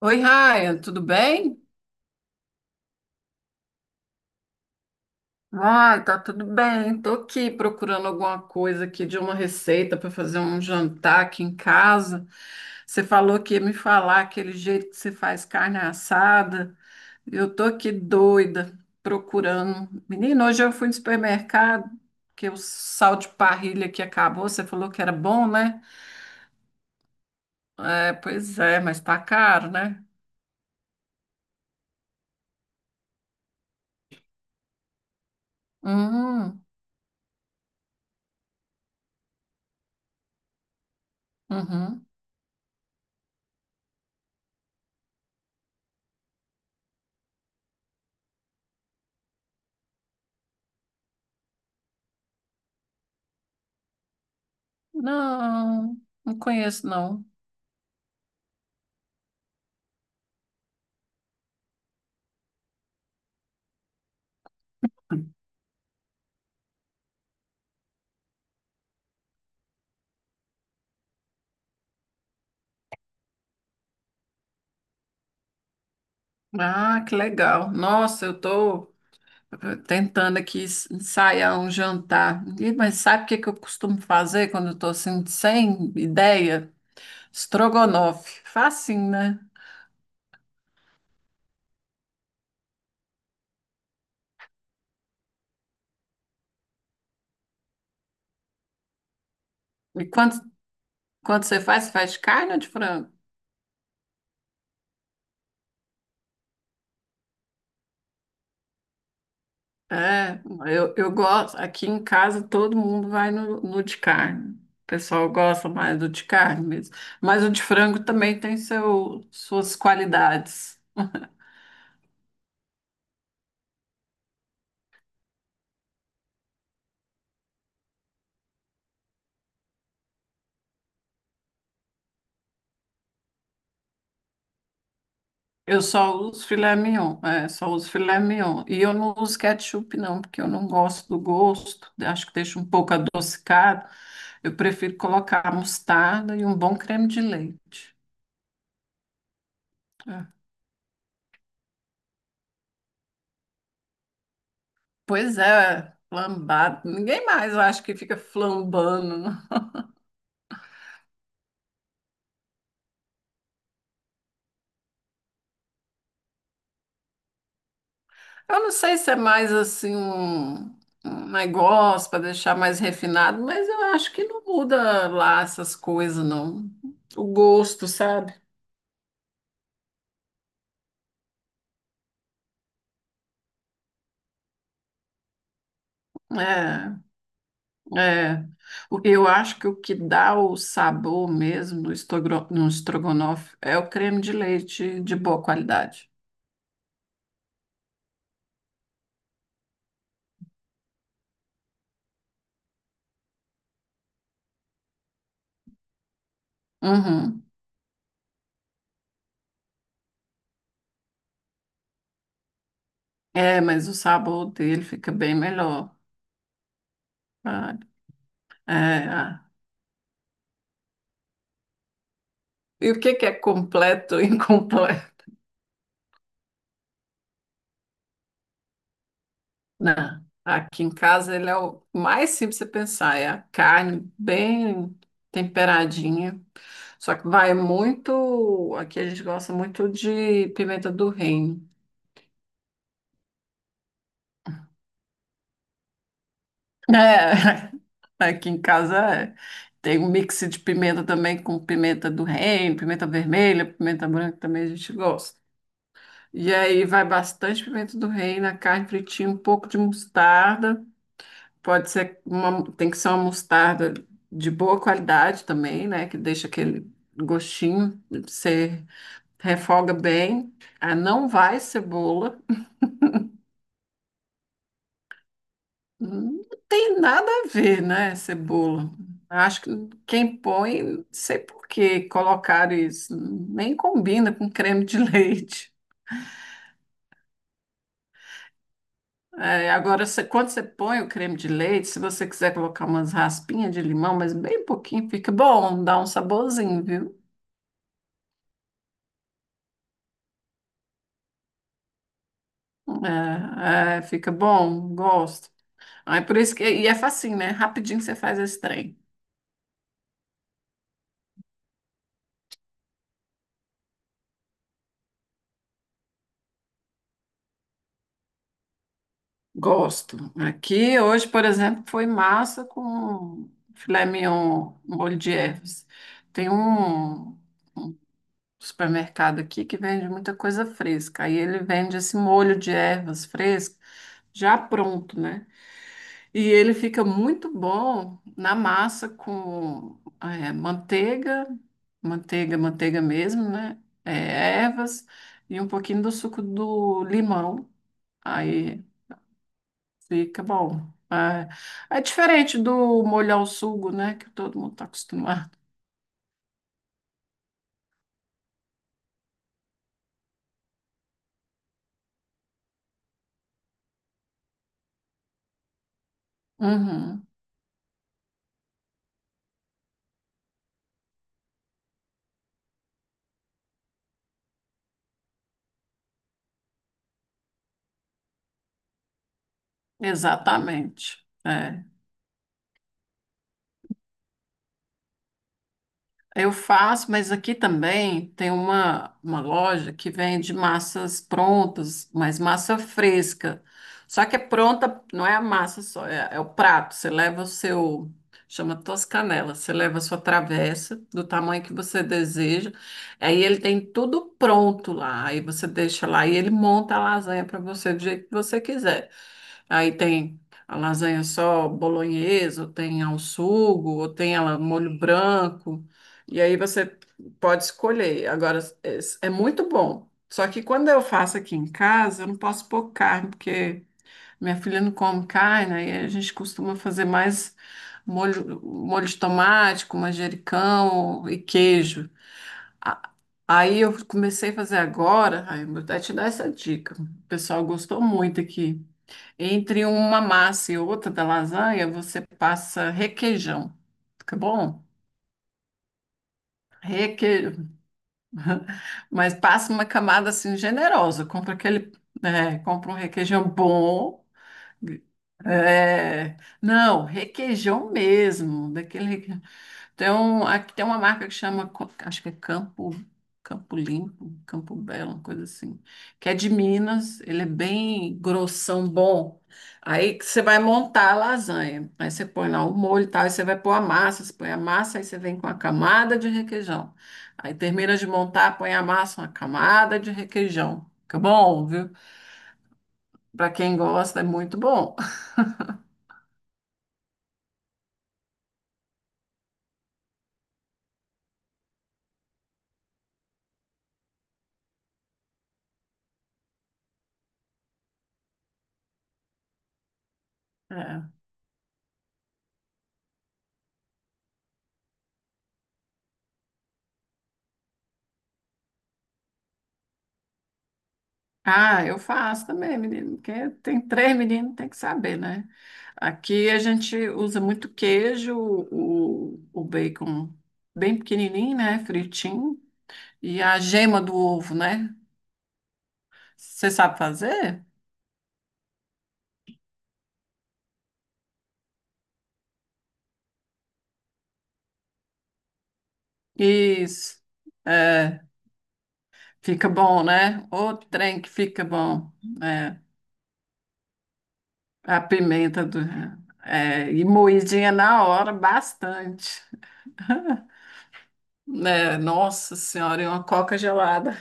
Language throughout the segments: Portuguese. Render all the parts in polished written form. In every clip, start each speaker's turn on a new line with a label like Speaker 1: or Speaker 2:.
Speaker 1: Oi, Ryan, tudo bem? Ai, tá tudo bem. Tô aqui procurando alguma coisa aqui de uma receita para fazer um jantar aqui em casa. Você falou que ia me falar aquele jeito que você faz carne assada. Eu tô aqui doida procurando. Menino, hoje eu fui no supermercado, que o sal de parrilha que acabou, você falou que era bom, né? É, pois é, mas tá caro, né? Hum, uhum. Não, não conheço, não. Ah, que legal. Nossa, eu tô tentando aqui ensaiar um jantar. Ih, mas sabe o que que eu costumo fazer quando eu tô assim, sem ideia? Estrogonofe. Facinho, né? E quando você faz de carne ou de frango? É, eu gosto. Aqui em casa todo mundo vai no de carne. O pessoal gosta mais do de carne mesmo. Mas o de frango também tem seu, suas qualidades. Eu só uso filé mignon, é, só uso filé mignon. E eu não uso ketchup, não, porque eu não gosto do gosto, acho que deixa um pouco adocicado. Eu prefiro colocar mostarda e um bom creme de leite. É. Pois é, flambado. Ninguém mais, eu acho que fica flambando, né? Eu não sei se é mais assim um negócio para deixar mais refinado, mas eu acho que não muda lá essas coisas, não. O gosto, sabe? É. É, eu acho que o que dá o sabor mesmo no, no estrogonofe é o creme de leite de boa qualidade. Uhum. É, mas o sabor dele fica bem melhor, sabe? É. E o que que é completo e incompleto? Não. Aqui em casa ele é o mais simples de pensar, é a carne bem temperadinha. Só que vai muito, aqui a gente gosta muito de pimenta do reino. É, aqui em casa é. Tem um mix de pimenta também com pimenta do reino, pimenta vermelha, pimenta branca também a gente gosta. E aí vai bastante pimenta do reino, a carne fritinha, um pouco de mostarda. Pode ser uma, tem que ser uma mostarda de boa qualidade também, né? Que deixa aquele gostinho, você refoga bem. Ah, não vai cebola. Não tem nada a ver, né, cebola? Acho que quem põe, não sei por que colocaram isso, nem combina com creme de leite. É, agora, quando você põe o creme de leite, se você quiser colocar umas raspinhas de limão, mas bem pouquinho, fica bom, dá um saborzinho, viu? É, é, fica bom, gosto. Ah, é por isso que, e é facinho, né? Rapidinho você faz esse trem. Gosto. Aqui hoje, por exemplo, foi massa com filé mignon, molho de ervas. Tem um supermercado aqui que vende muita coisa fresca. Aí ele vende esse molho de ervas fresco já pronto, né? E ele fica muito bom na massa com manteiga, manteiga mesmo, né? Ervas e um pouquinho do suco do limão. Aí fica bom. É, é diferente do molhar o sugo, né? Que todo mundo está acostumado. Uhum, exatamente. É. Eu faço, mas aqui também tem uma loja que vende massas prontas, mas massa fresca. Só que é pronta, não é a massa só, é, é o prato. Você leva o seu, chama Toscanela, você leva a sua travessa do tamanho que você deseja. Aí ele tem tudo pronto lá. Aí você deixa lá e ele monta a lasanha para você do jeito que você quiser. Aí tem a lasanha só bolonhesa, ou tem ao sugo, ou tem ela molho branco. E aí você pode escolher. Agora, é, é muito bom. Só que quando eu faço aqui em casa, eu não posso pôr carne, porque minha filha não come carne, aí a gente costuma fazer mais molho, molho de tomate, com manjericão e queijo. A- Aí eu comecei a fazer agora, aí eu vou até te dar essa dica. O pessoal gostou muito aqui. Entre uma massa e outra da lasanha, você passa requeijão. Fica bom? Requeijão. Mas passa uma camada assim generosa. Compra aquele, né, compra um requeijão bom. É, não, requeijão mesmo, daquele. Então, aqui tem uma marca que chama, acho que é Campo, Campo Limpo, Campo Belo, uma coisa assim, que é de Minas, ele é bem grossão, bom. Aí que você vai montar a lasanha, aí você põe lá o molho e tal, aí você vai pôr a massa, você põe a massa, aí você vem com a camada de requeijão. Aí termina de montar, põe a massa, uma camada de requeijão. Fica bom, viu? Para quem gosta, é muito bom. Ah, eu faço também, menino, porque tem três meninos, tem que saber, né? Aqui a gente usa muito queijo, o bacon bem pequenininho, né? Fritinho. E a gema do ovo, né? Você sabe fazer? Isso. É, fica bom, né? O trem que fica bom. É, a pimenta do... É, e moidinha na hora, bastante. Né? Nossa senhora, e uma coca gelada.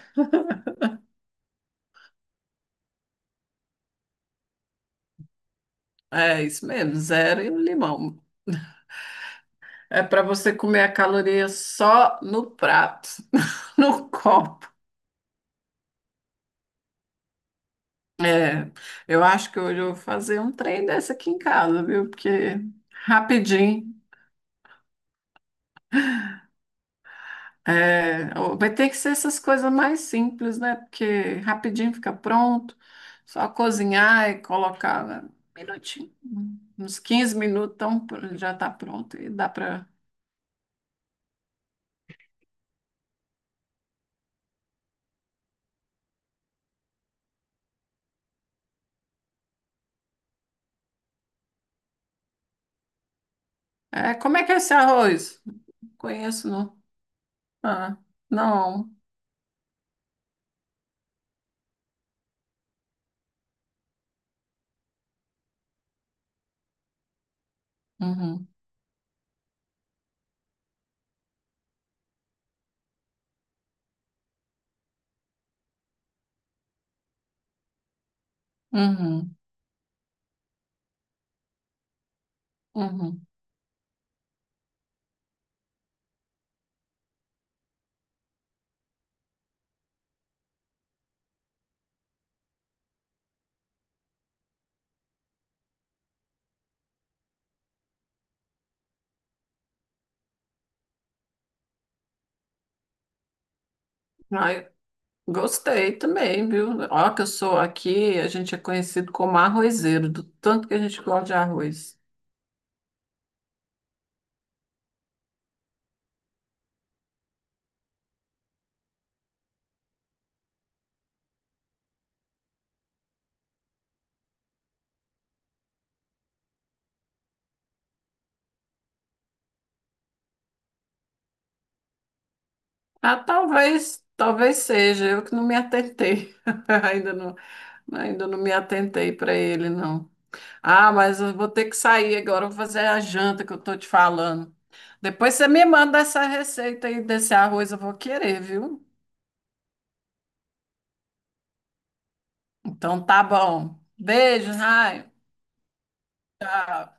Speaker 1: É isso mesmo, zero e um limão. É para você comer a caloria só no prato, no copo. É, eu acho que hoje eu vou fazer um trem dessa aqui em casa, viu? Porque rapidinho. É, vai ter que ser essas coisas mais simples, né? Porque rapidinho fica pronto, só cozinhar e colocar né, um minutinho, uns 15 minutos, então já está pronto e dá para. É, como é que é esse arroz? Não conheço, não. Ah, não. Uhum, uhum, uhum. Ai, gostei também, viu? Ó, que eu sou aqui, a gente é conhecido como arrozeiro, do tanto que a gente gosta de arroz. Ah, talvez, talvez seja, eu que não me atentei. Ainda não, ainda não me atentei para ele, não. Ah, mas eu vou ter que sair agora, eu vou fazer a janta que eu tô te falando. Depois você me manda essa receita aí desse arroz, eu vou querer, viu? Então tá bom. Beijo, Raio. Tchau.